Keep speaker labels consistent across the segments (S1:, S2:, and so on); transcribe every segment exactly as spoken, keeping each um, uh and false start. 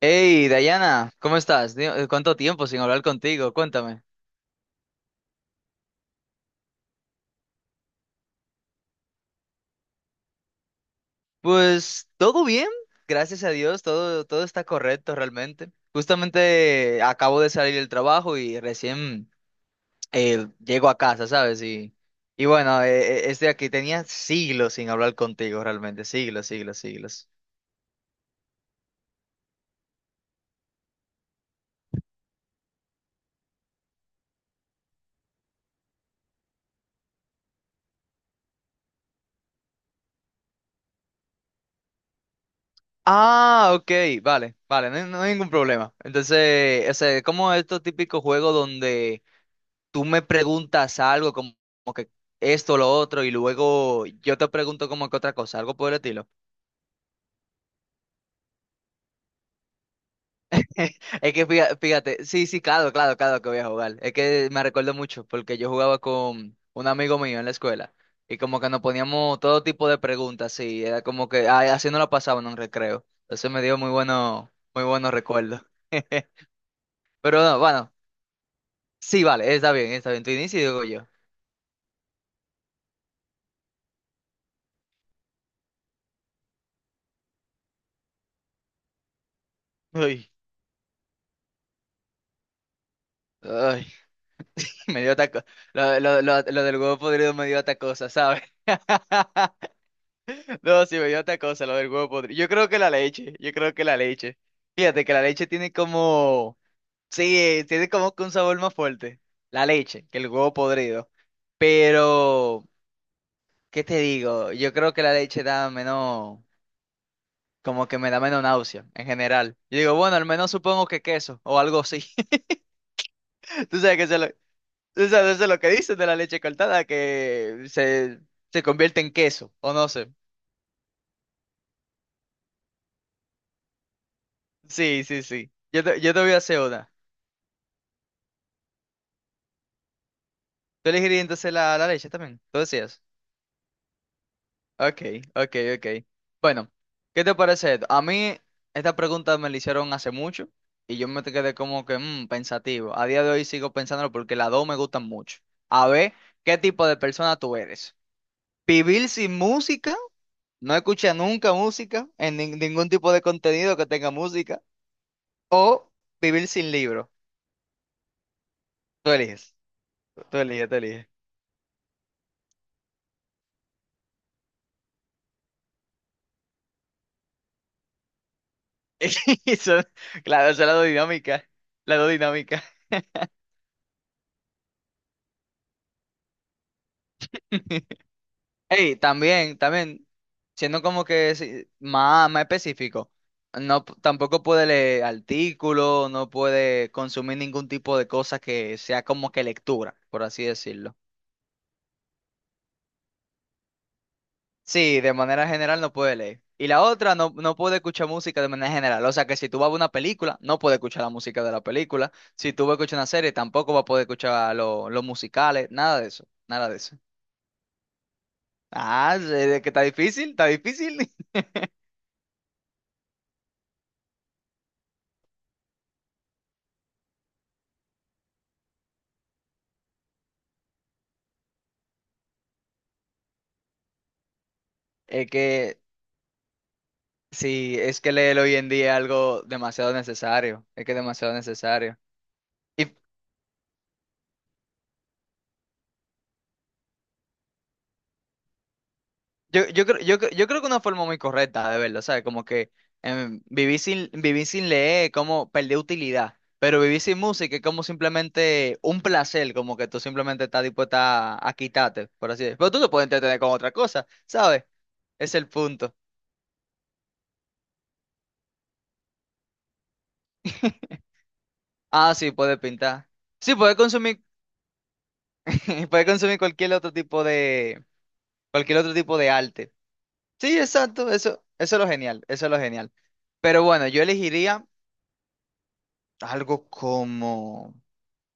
S1: Hey, Dayana, ¿cómo estás? Di- eh, ¿Cuánto tiempo sin hablar contigo? Cuéntame. Pues todo bien, gracias a Dios, todo, todo está correcto realmente. Justamente acabo de salir del trabajo y recién eh, llego a casa, ¿sabes? Y, y bueno, eh, eh, estoy aquí, tenía siglos sin hablar contigo realmente, siglos, siglos, siglos. Ah, ok, vale, vale, no, hay no hay ningún problema. Entonces, o sea, como estos típicos juegos donde tú me preguntas algo como, como que esto, lo otro, y luego yo te pregunto como que otra cosa, algo por el estilo. Es que fíjate, fíjate, sí, sí, claro, claro, claro que voy a jugar. Es que me recuerdo mucho porque yo jugaba con un amigo mío en la escuela y como que nos poníamos todo tipo de preguntas y era como que ay, así no lo pasaba en un recreo. Entonces me dio muy bueno, muy buenos recuerdos. Pero no, bueno, sí, vale, está bien, está bien. Tú inicio y digo yo. Ay, ay. Me dio taco. Lo, lo, lo, lo del huevo podrido me dio tacosa, ¿sabes? No, sí, me dio tacosa, lo del huevo podrido. Yo creo que la leche, yo creo que la leche. Fíjate que la leche tiene como. Sí, tiene como que un sabor más fuerte. La leche, que el huevo podrido. Pero, ¿qué te digo? Yo creo que la leche da menos. Como que me da menos náusea, en general. Yo digo, bueno, al menos supongo que queso o algo así. Tú sabes que se lo- O sea, desde lo que dicen de la leche cortada, que se, se convierte en queso, o no sé. Sí, sí, sí. Yo te, yo te voy a hacer una. ¿Tú elegirías entonces la, la leche también? ¿Tú decías? Ok, ok, ok. Bueno, ¿qué te parece esto? A mí esta pregunta me la hicieron hace mucho y yo me te quedé como que mm, pensativo. A día de hoy sigo pensándolo porque las dos me gustan mucho. A ver, ¿qué tipo de persona tú eres? ¿Vivir sin música? No escucha nunca música en nin- ningún tipo de contenido que tenga música. O vivir sin libro. Tú eliges, tú eliges, tú eliges. Y son- claro, son las dos dinámica la dos dinámicas. Ey, también, también, siendo como que si- más, más específico, no, p- tampoco puede leer artículos, no puede consumir ningún tipo de cosa que sea como que lectura, por así decirlo. Sí, de manera general no puede leer. Y la otra, no, no puede escuchar música de manera general. O sea que si tú vas a ver una película, no puede escuchar la música de la película. Si tú vas a escuchar una serie, tampoco va a poder escuchar lo- los musicales, nada de eso, nada de eso. Ah, sí, es que está difícil, está difícil. Es que sí, es que leer hoy en día es algo demasiado necesario. Es que es demasiado necesario. Yo, yo, creo- yo, creo- yo creo que una forma muy correcta de verlo, ¿sabes? Como que em, vivir sin, vivir sin leer es como perder utilidad, pero vivir sin música es como simplemente un placer, como que tú simplemente estás dispuesta a, a quitarte, por así decirlo. Pero tú te puedes entretener con otra cosa, ¿sabes? Es el punto. Ah, sí, puedes pintar. Sí, puedes consumir, puedes consumir cualquier otro tipo de, cualquier otro tipo de arte. Sí, exacto, eso, eso es lo genial, eso es lo genial. Pero bueno, yo elegiría algo como.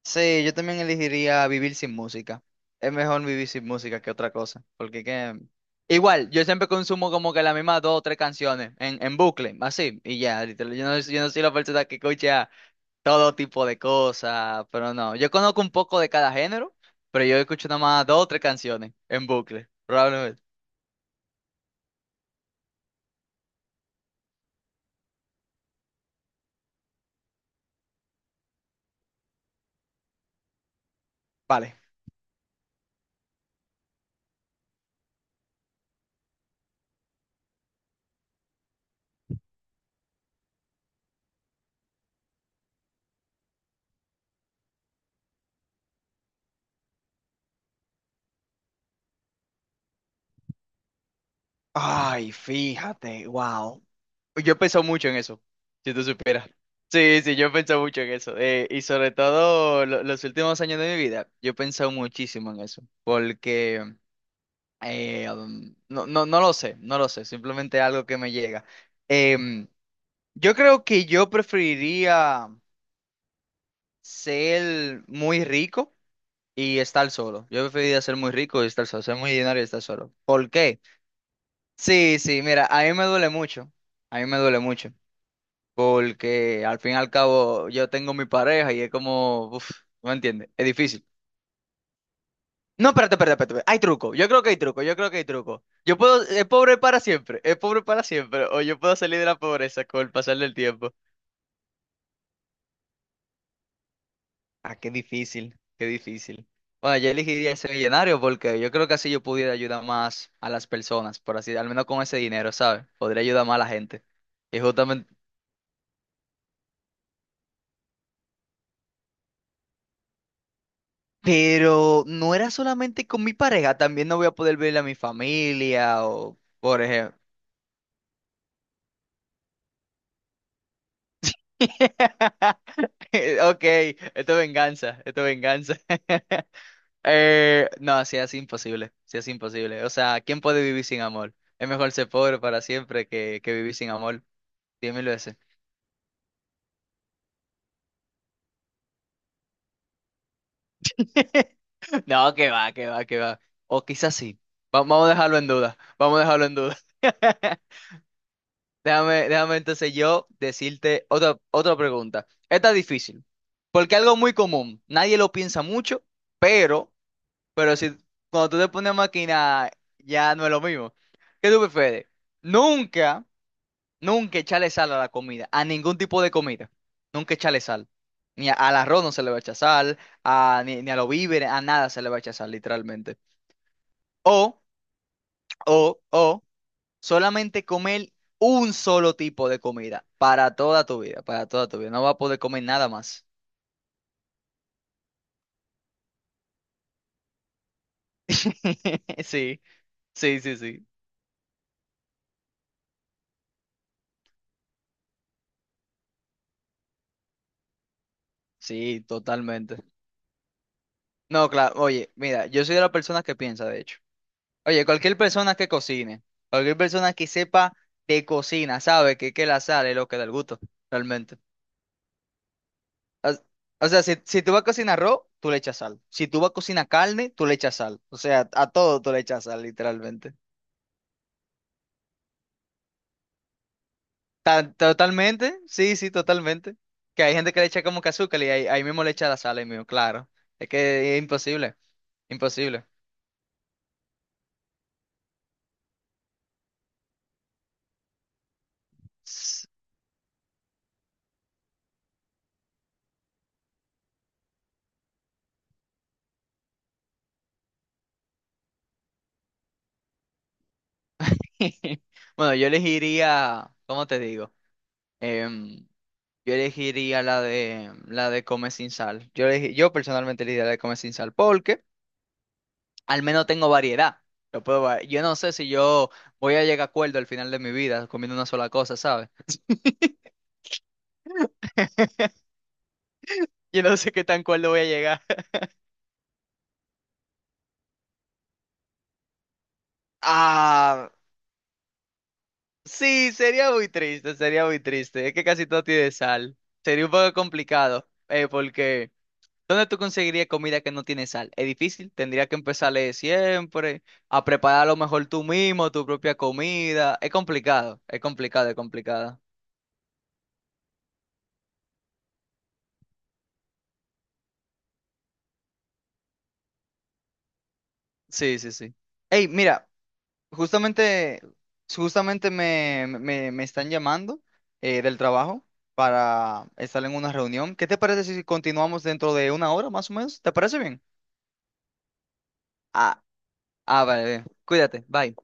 S1: Sí, yo también elegiría vivir sin música. Es mejor vivir sin música que otra cosa. Porque que. Igual, yo siempre consumo como que las mismas dos o tres canciones en, en bucle, así, y ya, literal. Yo no, yo no soy la persona que escucha todo tipo de cosas, pero no. Yo conozco un poco de cada género, pero yo escucho nada más dos o tres canciones en bucle, probablemente. Vale. Ay, fíjate, wow. Yo he pensado mucho en eso, si tú supieras. Sí, sí, yo he pensado mucho en eso. eh, y sobre todo lo- los últimos años de mi vida, yo he pensado muchísimo en eso. Porque eh, um, no, no, no lo sé, no lo sé, simplemente algo que me llega. Em, yo creo que yo preferiría ser muy rico y estar solo. Yo preferiría ser muy rico y estar solo, ser muy dinero y estar solo. ¿Por qué? Sí, sí, mira, a mí me duele mucho. A mí me duele mucho. porque al fin y al cabo yo tengo mi pareja y es como, uff, no me entiendes, es difícil. No, espérate, espérate, espérate, espérate. hay truco, yo creo que hay truco, yo creo que hay truco. Yo puedo, es pobre para siempre, es pobre para siempre, o yo puedo salir de la pobreza con el pasar del tiempo. Ah, qué difícil, qué difícil. Bueno, yo elegiría ser millonario porque yo creo que así yo pudiera ayudar más a las personas, por así, al menos con ese dinero, ¿sabes? Podría ayudar más a la gente. Y justamente Pero no era solamente con mi pareja, también no voy a poder verle a mi familia o, por ejemplo. Ok, esto es venganza, esto es venganza. Eh, no, sí, es imposible, sí, es imposible. O sea, ¿quién puede vivir sin amor? Es mejor ser pobre para siempre que, que, vivir sin amor, diez mil veces. No, que va, que va, que va. O quizás sí. Va- vamos a dejarlo en duda, vamos a dejarlo en duda. Déjame, déjame entonces yo decirte otra, otra pregunta. Esta es difícil, porque algo muy común, nadie lo piensa mucho, pero, pero si cuando tú te pones a maquinar, ya no es lo mismo. ¿Qué tú prefieres? Nunca, nunca echarle sal a la comida, a ningún tipo de comida. Nunca echarle sal. Ni a- al arroz no se le va a echar sal, a, ni, ni a los víveres, a nada se le va a echar sal, literalmente. O, o, o solamente comer un solo tipo de comida para toda tu vida, para toda tu vida. No vas a poder comer nada más. Sí, sí, sí, sí. Sí, totalmente. No, claro, oye, mira, yo soy de la persona que piensa, de hecho. Oye, cualquier persona que cocine, cualquier persona que sepa de cocina, sabe que, que, la sal es lo que da el gusto, realmente. As- O sea, si, si tú vas a cocinar arroz, tú le echas sal. Si tú vas a cocinar carne, tú le echas sal. O sea, a todo tú le echas sal, literalmente. Ta- totalmente, sí, sí, totalmente. Que hay gente que le echa como que azúcar y ahí, ahí mismo le echa la sal, ahí mismo, claro. Es que es imposible, imposible. S- Bueno, yo elegiría, ¿cómo te digo? Em, yo elegiría la de la de comer sin sal. Yo elegi- yo personalmente elegiría la de comer sin sal porque al menos tengo variedad. Lo puedo, va- yo no sé si yo voy a llegar a acuerdo al final de mi vida comiendo una sola cosa, ¿sabes? Yo no sé qué tan cuerdo voy a llegar. Ah, sí, sería muy triste, sería muy triste. Es que casi todo tiene sal. Sería un poco complicado, eh, porque ¿dónde tú conseguirías comida que no tiene sal? Es difícil, tendrías que empezar de siempre, a preparar a lo mejor tú mismo tu propia comida. Es complicado, es complicado, es complicado. Sí, sí, sí. Hey, mira, justamente, justamente me, me, me están llamando eh, del trabajo para estar en una reunión. ¿Qué te parece si continuamos dentro de una hora más o menos? ¿Te parece bien? Ah, ah, vale, bien. Cuídate, bye.